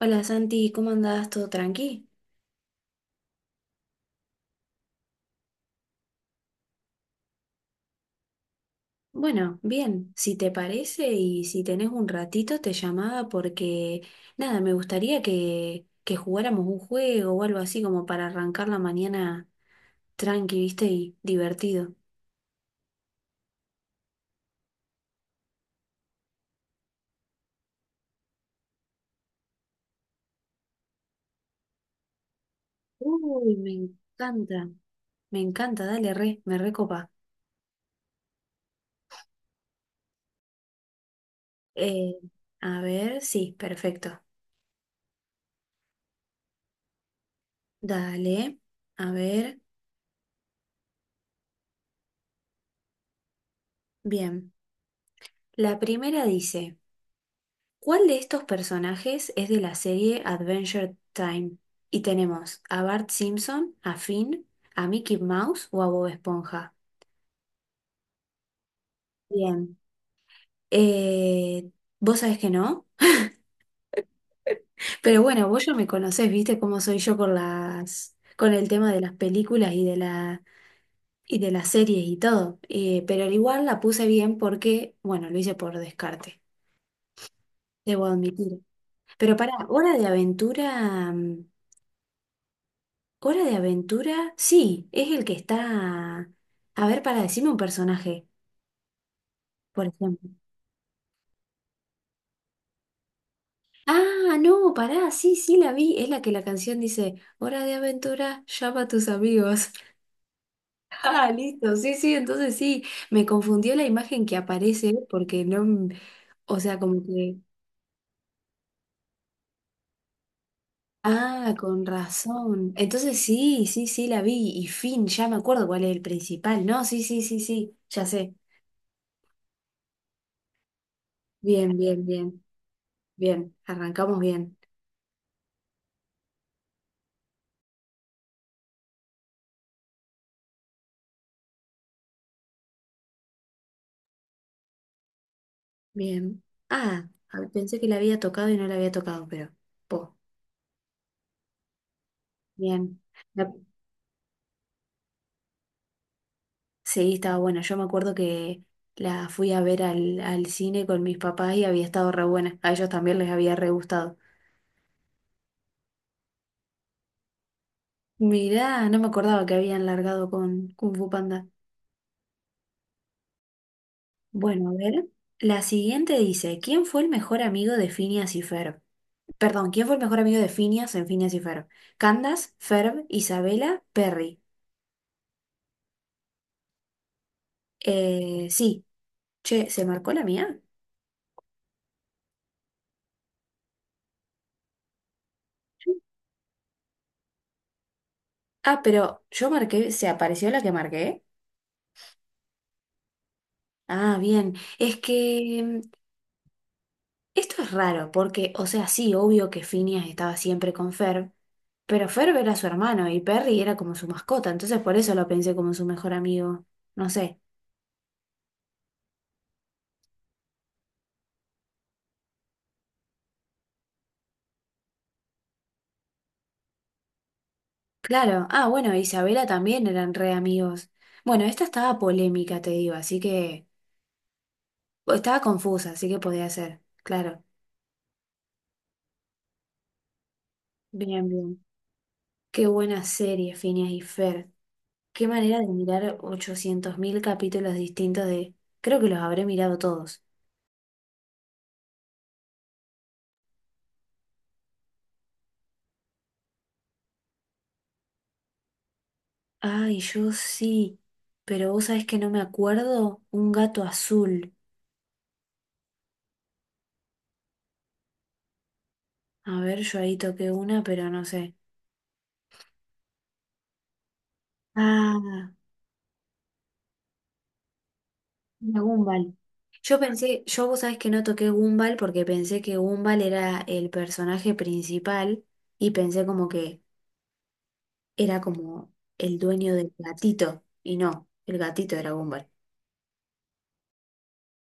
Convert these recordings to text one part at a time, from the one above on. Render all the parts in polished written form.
Hola Santi, ¿cómo andás? ¿Todo tranqui? Bueno, bien, si te parece y si tenés un ratito te llamaba porque nada, me gustaría que jugáramos un juego o algo así como para arrancar la mañana tranqui, ¿viste? Y divertido. Uy, me encanta, dale re, me recopa. Eh, a ver, sí, perfecto. Dale, a ver, bien. La primera dice. ¿Cuál de estos personajes es de la serie Adventure Time? Y tenemos a Bart Simpson, a Finn, a Mickey Mouse o a Bob Esponja. Bien. Eh, Vos sabés que no, pero bueno, vos ya me conocés, viste cómo soy yo con con el tema de las películas y y de las series y todo. Pero al igual la puse bien porque, bueno, lo hice por descarte, debo admitir. Pero para Hora de Aventura, ¿Hora de aventura? Sí, es el que está... A ver, para decirme un personaje, por ejemplo. Ah, no, pará, sí, sí, la vi. Es la que la canción dice, Hora de aventura, llama a tus amigos. Ah, listo, sí, sí, entonces sí, me confundió la imagen que aparece porque no... m- O sea, como que... Ah, con razón. Entonces sí, sí, sí, la vi. Y fin, ya me acuerdo cuál es el principal. No, sí, sí, sí, sí, ya sé. Bien, bien, bien, bien. Arrancamos bien. Bien. Ah, ah, pensé que la había tocado y no la había tocado, pero. Po, bien. La- sí, estaba buena. Yo me acuerdo que la fui a ver al cine con mis papás y había estado re buena. A ellos también les había re gustado. Mirá, no me acordaba que habían largado con Kung Fu Panda. Bueno, a ver. La siguiente dice: ¿Quién fue el mejor amigo de Phineas y Ferb? Perdón, ¿quién fue el mejor amigo de Phineas en Phineas y Ferb? Candace, Ferb, Isabela, Perry. Sí. Che, ¿se marcó la mía? Ah, pero yo marqué, ¿se apareció la que marqué? Ah, bien. Es que esto es raro, porque, o sea, sí, obvio que Phineas estaba siempre con Ferb, pero Ferb era su hermano y Perry era como su mascota, entonces por eso lo pensé como su mejor amigo. No sé. Claro. Ah, bueno, Isabela también eran re amigos. Bueno, esta estaba polémica, te digo, así que o estaba confusa, así que podía ser. Claro. Bien, bien. Qué buena serie, Phineas y Ferb. Qué manera de mirar 800.000 capítulos distintos de... Creo que los habré mirado todos. Ay, yo sí. Pero vos sabés que no me acuerdo. Un gato azul. A ver, yo ahí toqué una, pero no sé. Ah, una Gumball. Yo pensé, yo vos sabés que no toqué Gumball porque pensé que Gumball era el personaje principal y pensé como que era como el dueño del gatito. Y no, el gatito era Gumball.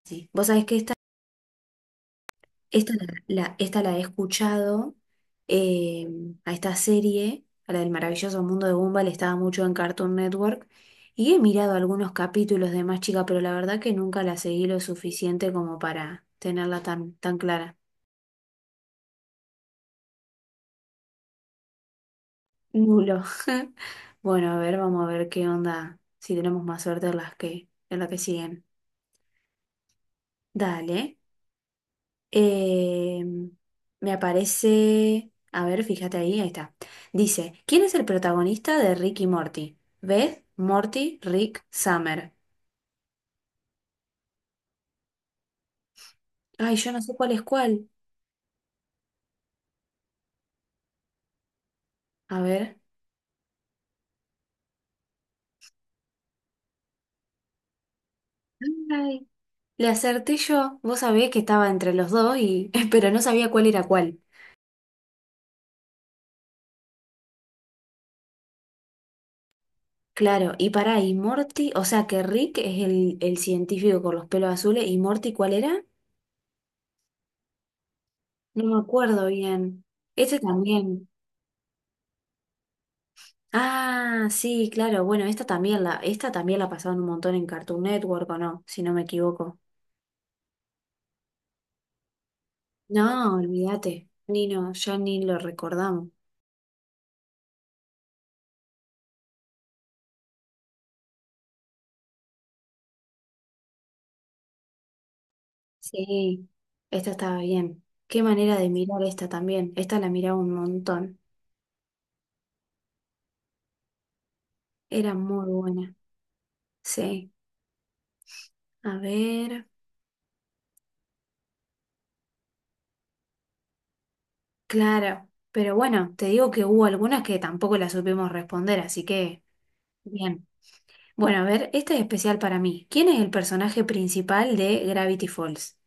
Sí. Vos sabés que esta... Esta la he escuchado, eh, a esta serie, a la del maravilloso mundo de Gumball, estaba mucho en Cartoon Network y he mirado algunos capítulos de más chica, pero la verdad que nunca la seguí lo suficiente como para tenerla tan clara. Nulo. Bueno, a ver, vamos a ver qué onda, si tenemos más suerte en en la que siguen. Dale. Eh, Me aparece. A ver, fíjate ahí está. Dice: ¿Quién es el protagonista de Rick y Morty? Beth, Morty, Rick, Summer. Ay, yo no sé cuál es cuál. A ver. Ay, le acerté yo. Vos sabés que estaba entre los dos, y... pero no sabía cuál era cuál. Claro, y pará, y Morty, o sea que Rick es el científico con los pelos azules, y Morty, ¿cuál era? No me acuerdo bien. Ese también. Ah, sí, claro. Bueno, esta también la pasaban un montón en Cartoon Network, ¿o no? Si no me equivoco. No, olvídate. Ni no, ya ni lo recordamos. Sí, esta estaba bien. Qué manera de mirar esta también. Esta la miraba un montón. Era muy buena. Sí. A ver. Claro. Pero bueno, te digo que hubo algunas que tampoco las supimos responder, así que bien. Bueno, a ver, esta es especial para mí. ¿Quién es el personaje principal de Gravity Falls?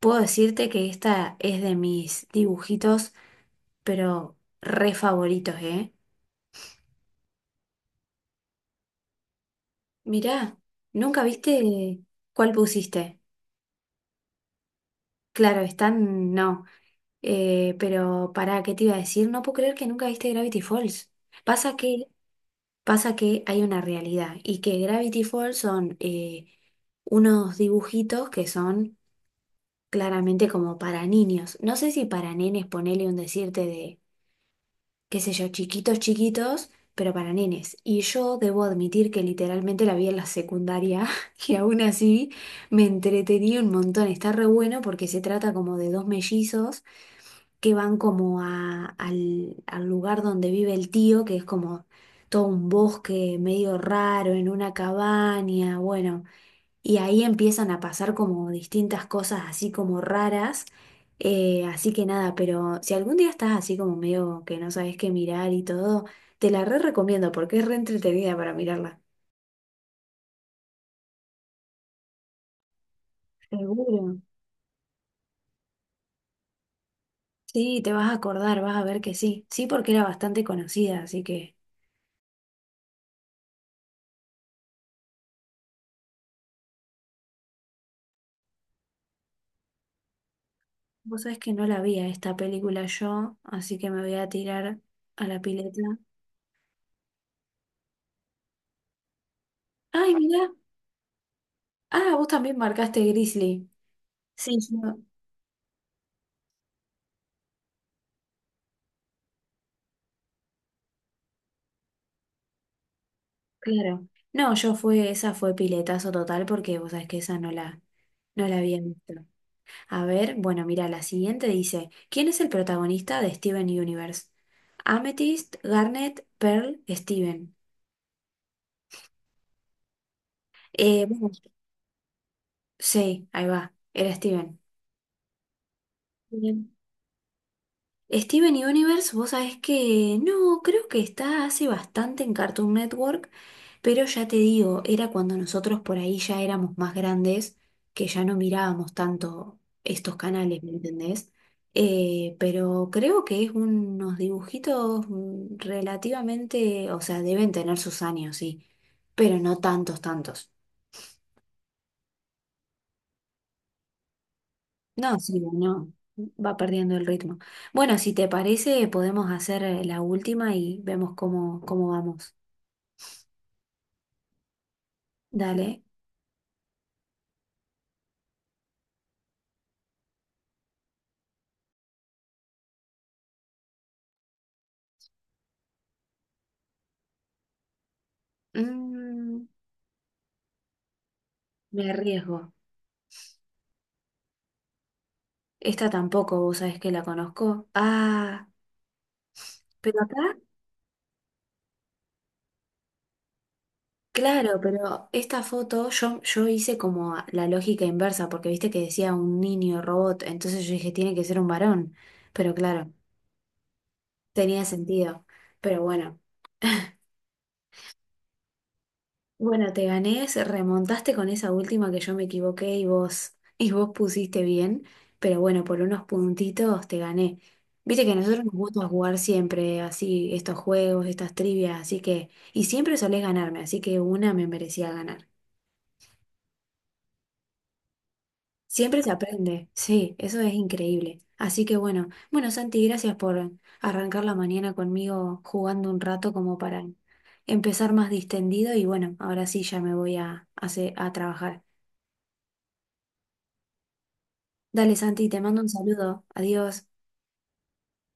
Puedo decirte que esta es de mis dibujitos, pero re favoritos, ¿eh? Mirá, ¿nunca viste cuál pusiste? Claro, están, no. Pero para ¿qué te iba a decir? No puedo creer que nunca viste Gravity Falls. Pasa que, Pasa que hay una realidad y que Gravity Falls son unos dibujitos que son claramente como para niños. No sé si para nenes, ponele un decirte de qué sé yo, chiquitos, chiquitos, pero para nenes. Y yo debo admitir que literalmente la vi en la secundaria y aún así me entretenía un montón. Está re bueno porque se trata como de dos mellizos que van como al lugar donde vive el tío, que es como todo un bosque medio raro, en una cabaña, bueno. Y ahí empiezan a pasar como distintas cosas así como raras. Así que nada, pero si algún día estás así como medio que no sabes qué mirar y todo, te la re recomiendo porque es re entretenida para mirarla. Seguro. Sí, te vas a acordar, vas a ver que sí. Sí, porque era bastante conocida, así que vos sabés que no la vi a esta película yo, así que me voy a tirar a la pileta. Ay, mira. Ah, vos también marcaste Grizzly. Sí, yo- Claro. No, yo fue, esa fue piletazo total porque vos sabés que esa no la había visto. A ver, bueno, mira, la siguiente dice, ¿quién es el protagonista de Steven Universe? Amethyst, Garnet, Pearl, Steven. Bueno, sí, ahí va, era Steven. Bien. Steven Universe, vos sabés que no, creo que está hace bastante en Cartoon Network. Pero ya te digo, era cuando nosotros por ahí ya éramos más grandes, que ya no mirábamos tanto estos canales, ¿me entendés? Pero creo que es unos dibujitos relativamente, o sea, deben tener sus años, sí, pero no tantos, tantos. No, sí, no, va perdiendo el ritmo. Bueno, si te parece, podemos hacer la última y vemos cómo, cómo vamos. Dale. Mm, me arriesgo. Esta tampoco, vos sabés que la conozco. Ah, pero acá, claro, pero esta foto yo, yo hice como la lógica inversa, porque viste que decía un niño robot, entonces yo dije, tiene que ser un varón, pero claro, tenía sentido. Pero bueno. Bueno, te gané, remontaste con esa última que yo me equivoqué y vos, y vos pusiste bien, pero bueno, por unos puntitos te gané. Viste que a nosotros nos gusta jugar siempre así, estos juegos, estas trivias, así que, y siempre solés ganarme, así que una me merecía ganar. Siempre se aprende, sí, eso es increíble. Así que bueno, bueno, Santi, gracias por arrancar la mañana conmigo jugando un rato como para empezar más distendido y bueno, ahora sí ya me voy a, a trabajar. Dale, Santi, te mando un saludo. Adiós.